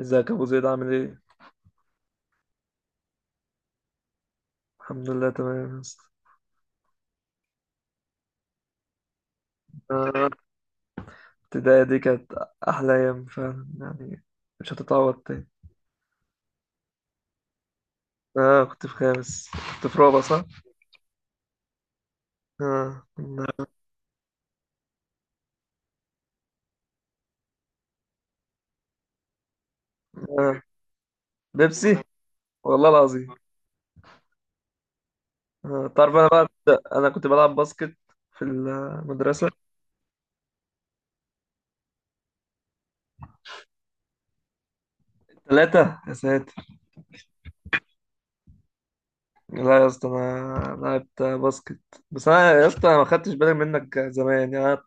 ازيك يا ابو زيد عامل ايه؟ الحمد لله تمام يا اسطى. آه، البداية دي كانت أحلى أيام فعلا يعني. مش هتتعوض تاني. آه كنت في خامس. كنت في رابع صح؟ آه. آه بيبسي. والله العظيم. آه تعرف أنا بقى. أنا كنت بلعب باسكت في المدرسة. ثلاثة يا ساتر. لا يا اسطى، أنا لعبت باسكت. بس أنا يا اسطى أنا ما خدتش بالي منك زمان، يعني أنا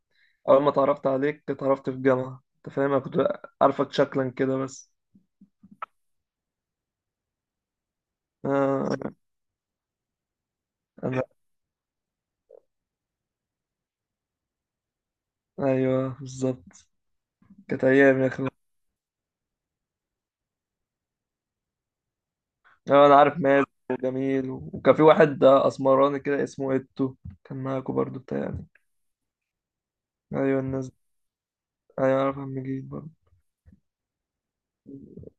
أول ما اتعرفت عليك اتعرفت في الجامعة، أنت فاهم، أنا كنت عارفك شكلا كده بس. آه. أنا. أيوه بالظبط. كانت أيام يا أخي. أيوة أنا عارف مازن وجميل، وكان في واحد أسمراني كده اسمه إتو، كان معاكوا برضو بتاعي. أيوه الناس دي. أيوه عارف عم جيل برضو.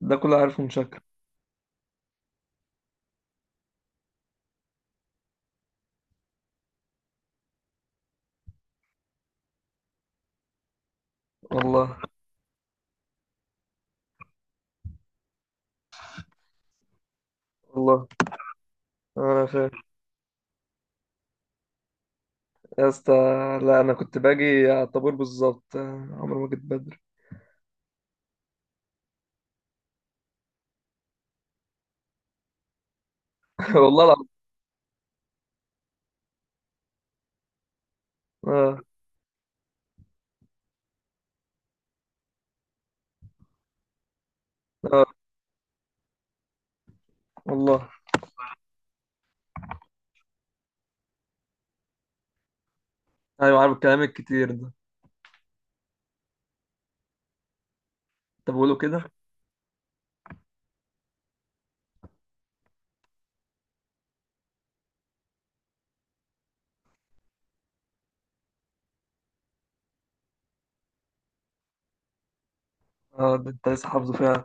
ده كله عارفهم شكل. والله. والله. أنا فاهم. يا اسطى، لا أنا كنت باجي على الطابور بالظبط، عمري ما جيت بدري. والله العظيم. آه. آه والله. أيوه عارف الكلام الكتير ده. أنت بقوله كده؟ آه، ده أنت لسه حافظه فعلا.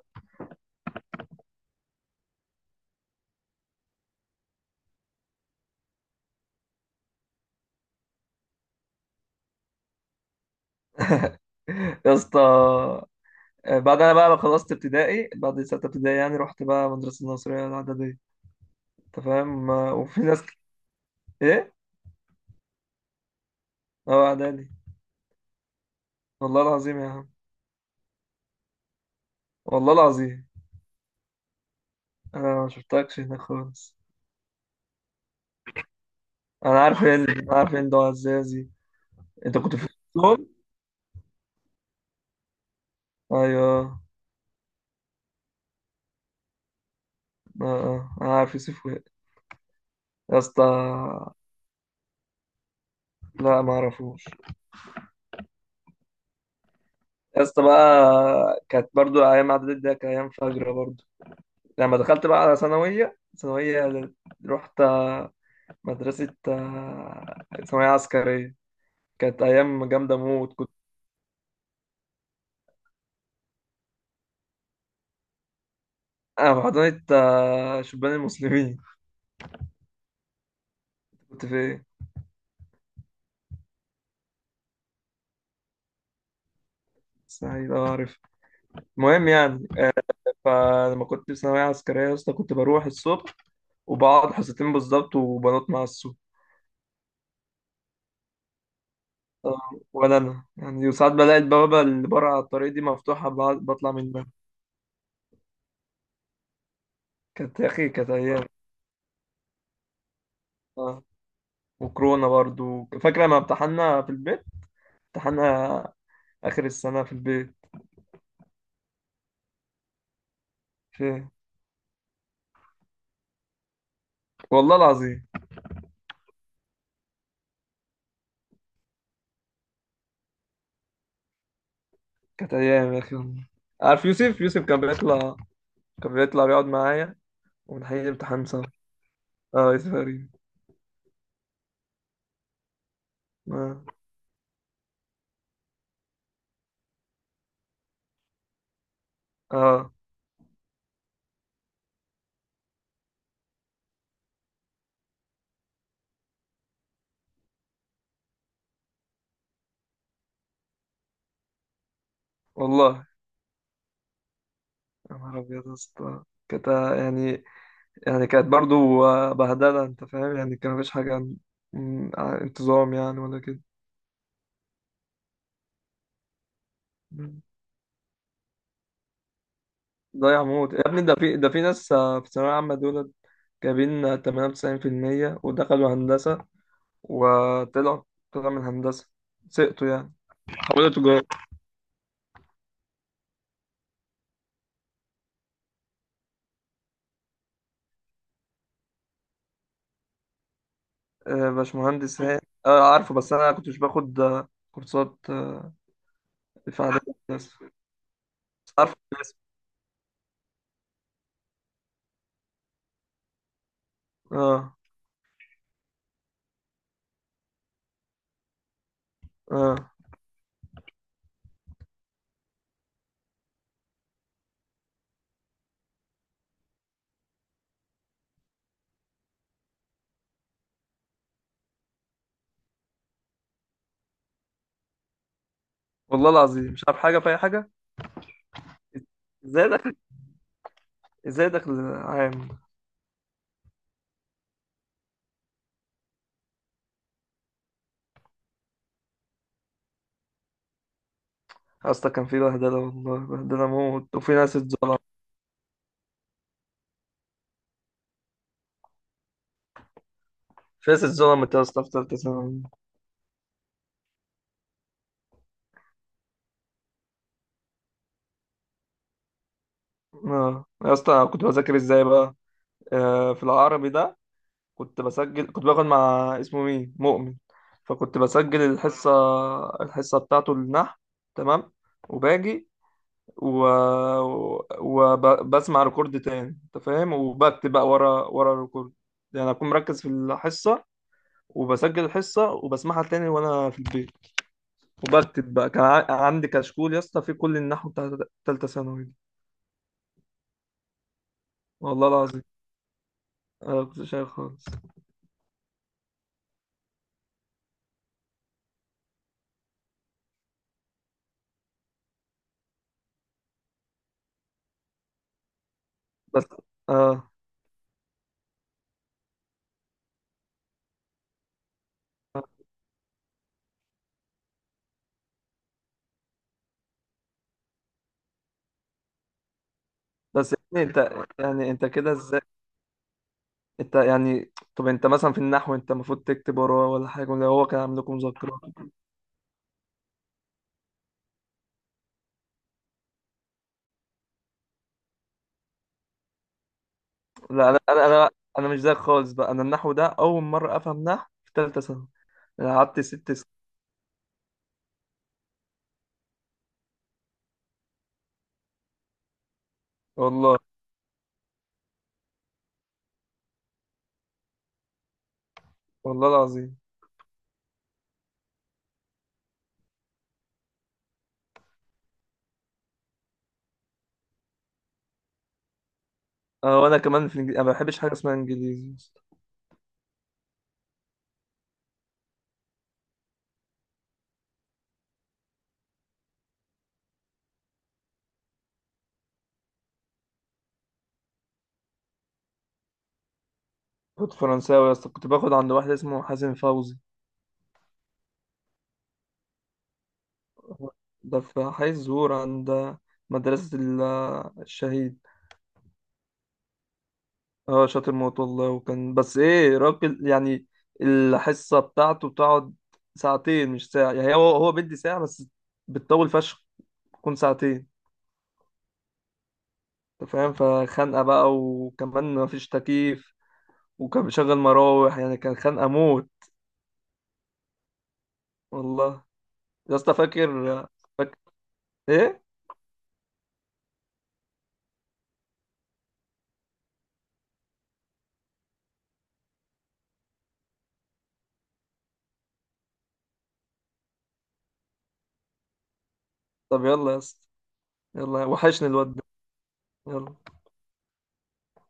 يا اسطى. آه، بعد انا بقى خلصت ابتدائي، بعد ستة ابتدائي يعني رحت بقى مدرسة الناصرية الإعدادية، انت فاهم. آه، ايه. اه اعدادي. والله العظيم يا عم. والله العظيم. انا ما شفتكش هناك خالص. انا عارف ان دعاء الزازي. انت كنت في وسطهم. ايوه. اه اه انا عارف يوسف وائل. يا اسطى. لا ما اعرفوش. يا اسطى بقى كانت برضو ايام اعدادي، ده كانت ايام فجر برضو. لما دخلت بقى على ثانوية رحت مدرسة ثانوية عسكرية، كانت أيام جامدة موت كنت. أنا في حضانة شبان المسلمين. كنت في إيه؟ سعيد أه عارف. المهم يعني. فلما كنت في ثانوية عسكرية يا اسطى كنت بروح الصبح وبقعد حصتين بالظبط وبنط مع السوق. آه، ولا أنا يعني، وساعات بلاقي البوابة اللي بره على الطريق دي مفتوحة، بطلع منها. كانت يا أخي كانت أيام. أه. وكورونا برضو فاكرة لما امتحنا في البيت، امتحنا آخر السنة في البيت. في إيه؟ والله العظيم. كانت ايام يا اخي والله. عارف يوسف كان بيطلع بيقعد معايا ونحل الامتحان سوا. اه يوسف غريب. اه. اه والله. يا نهار ابيض يا اسطى. كانت يعني كانت برضو بهدله، انت فاهم، يعني كان مفيش حاجه عن انتظام يعني ولا كده. مم. ضايع موت يا ابني، ده في ناس في الثانويه العامه دول جايبين 98% ودخلوا هندسه، وطلعوا طلعوا من هندسه، سقطوا يعني. حولوا تجاره. آه، باشمهندس هاني. اه عارفه، بس انا كنت مش باخد كورسات في اعداد الناس. بس عارفه الناس. اه. اه والله العظيم مش عارف حاجه في اي حاجه. ازاي دخل؟ ازاي دخل عام؟ اصلا كان في بهدله، والله بهدله موت، وفي ناس اتظلم. في ناس اتظلمت يا اسطى في ثالثه ثانوي. اه يا اسطى، أنا كنت بذاكر ازاي بقى في العربي ده؟ كنت بسجل، كنت باخد مع اسمه مين، مؤمن، فكنت بسجل الحصه، بتاعته النحو، تمام. وباجي و... وبسمع ريكورد تاني، انت فاهم، وبكتب بقى ورا ورا الريكورد، يعني اكون مركز في الحصه. وبسجل الحصه وبسمعها تاني وانا في البيت، وبكتب بقى. كان عندي كشكول يا اسطى في كل النحو بتاع تالتة ثانوي دي. والله العظيم انا كنت شايل خالص. بس اه. بس يعني انت، يعني انت كده ازاي؟ انت يعني، طب انت مثلا في النحو، انت المفروض تكتب وراه، ولا حاجه، ولا هو كان عامل لكم مذكره؟ لا انا مش زيك خالص بقى. انا النحو ده اول مره افهم نحو في ثالثه ثانوي، انا قعدت 6 سنين. والله. والله العظيم. انا، وانا كمان في الانجليزي، انا ما بحبش حاجه اسمها انجليزي يا اسطى. كنت فرنساوي يا اسطى، كنت باخد عند واحد اسمه حازم فوزي. ده في حي الزهور عند مدرسه الشهيد. اه شاطر موت والله، وكان بس ايه راجل يعني. الحصه بتاعته بتقعد ساعتين مش ساعه، يعني هو بيدي ساعه بس بتطول فشخ، تكون ساعتين، انت فاهم. فخنقة بقى، وكمان مفيش تكييف، وكان بيشغل مراوح يعني كان خنقة موت. والله. يا اسطى فاكر. فاكر ايه؟ طب يلا يا اسطى. يلا، وحشني الواد ده. يلا.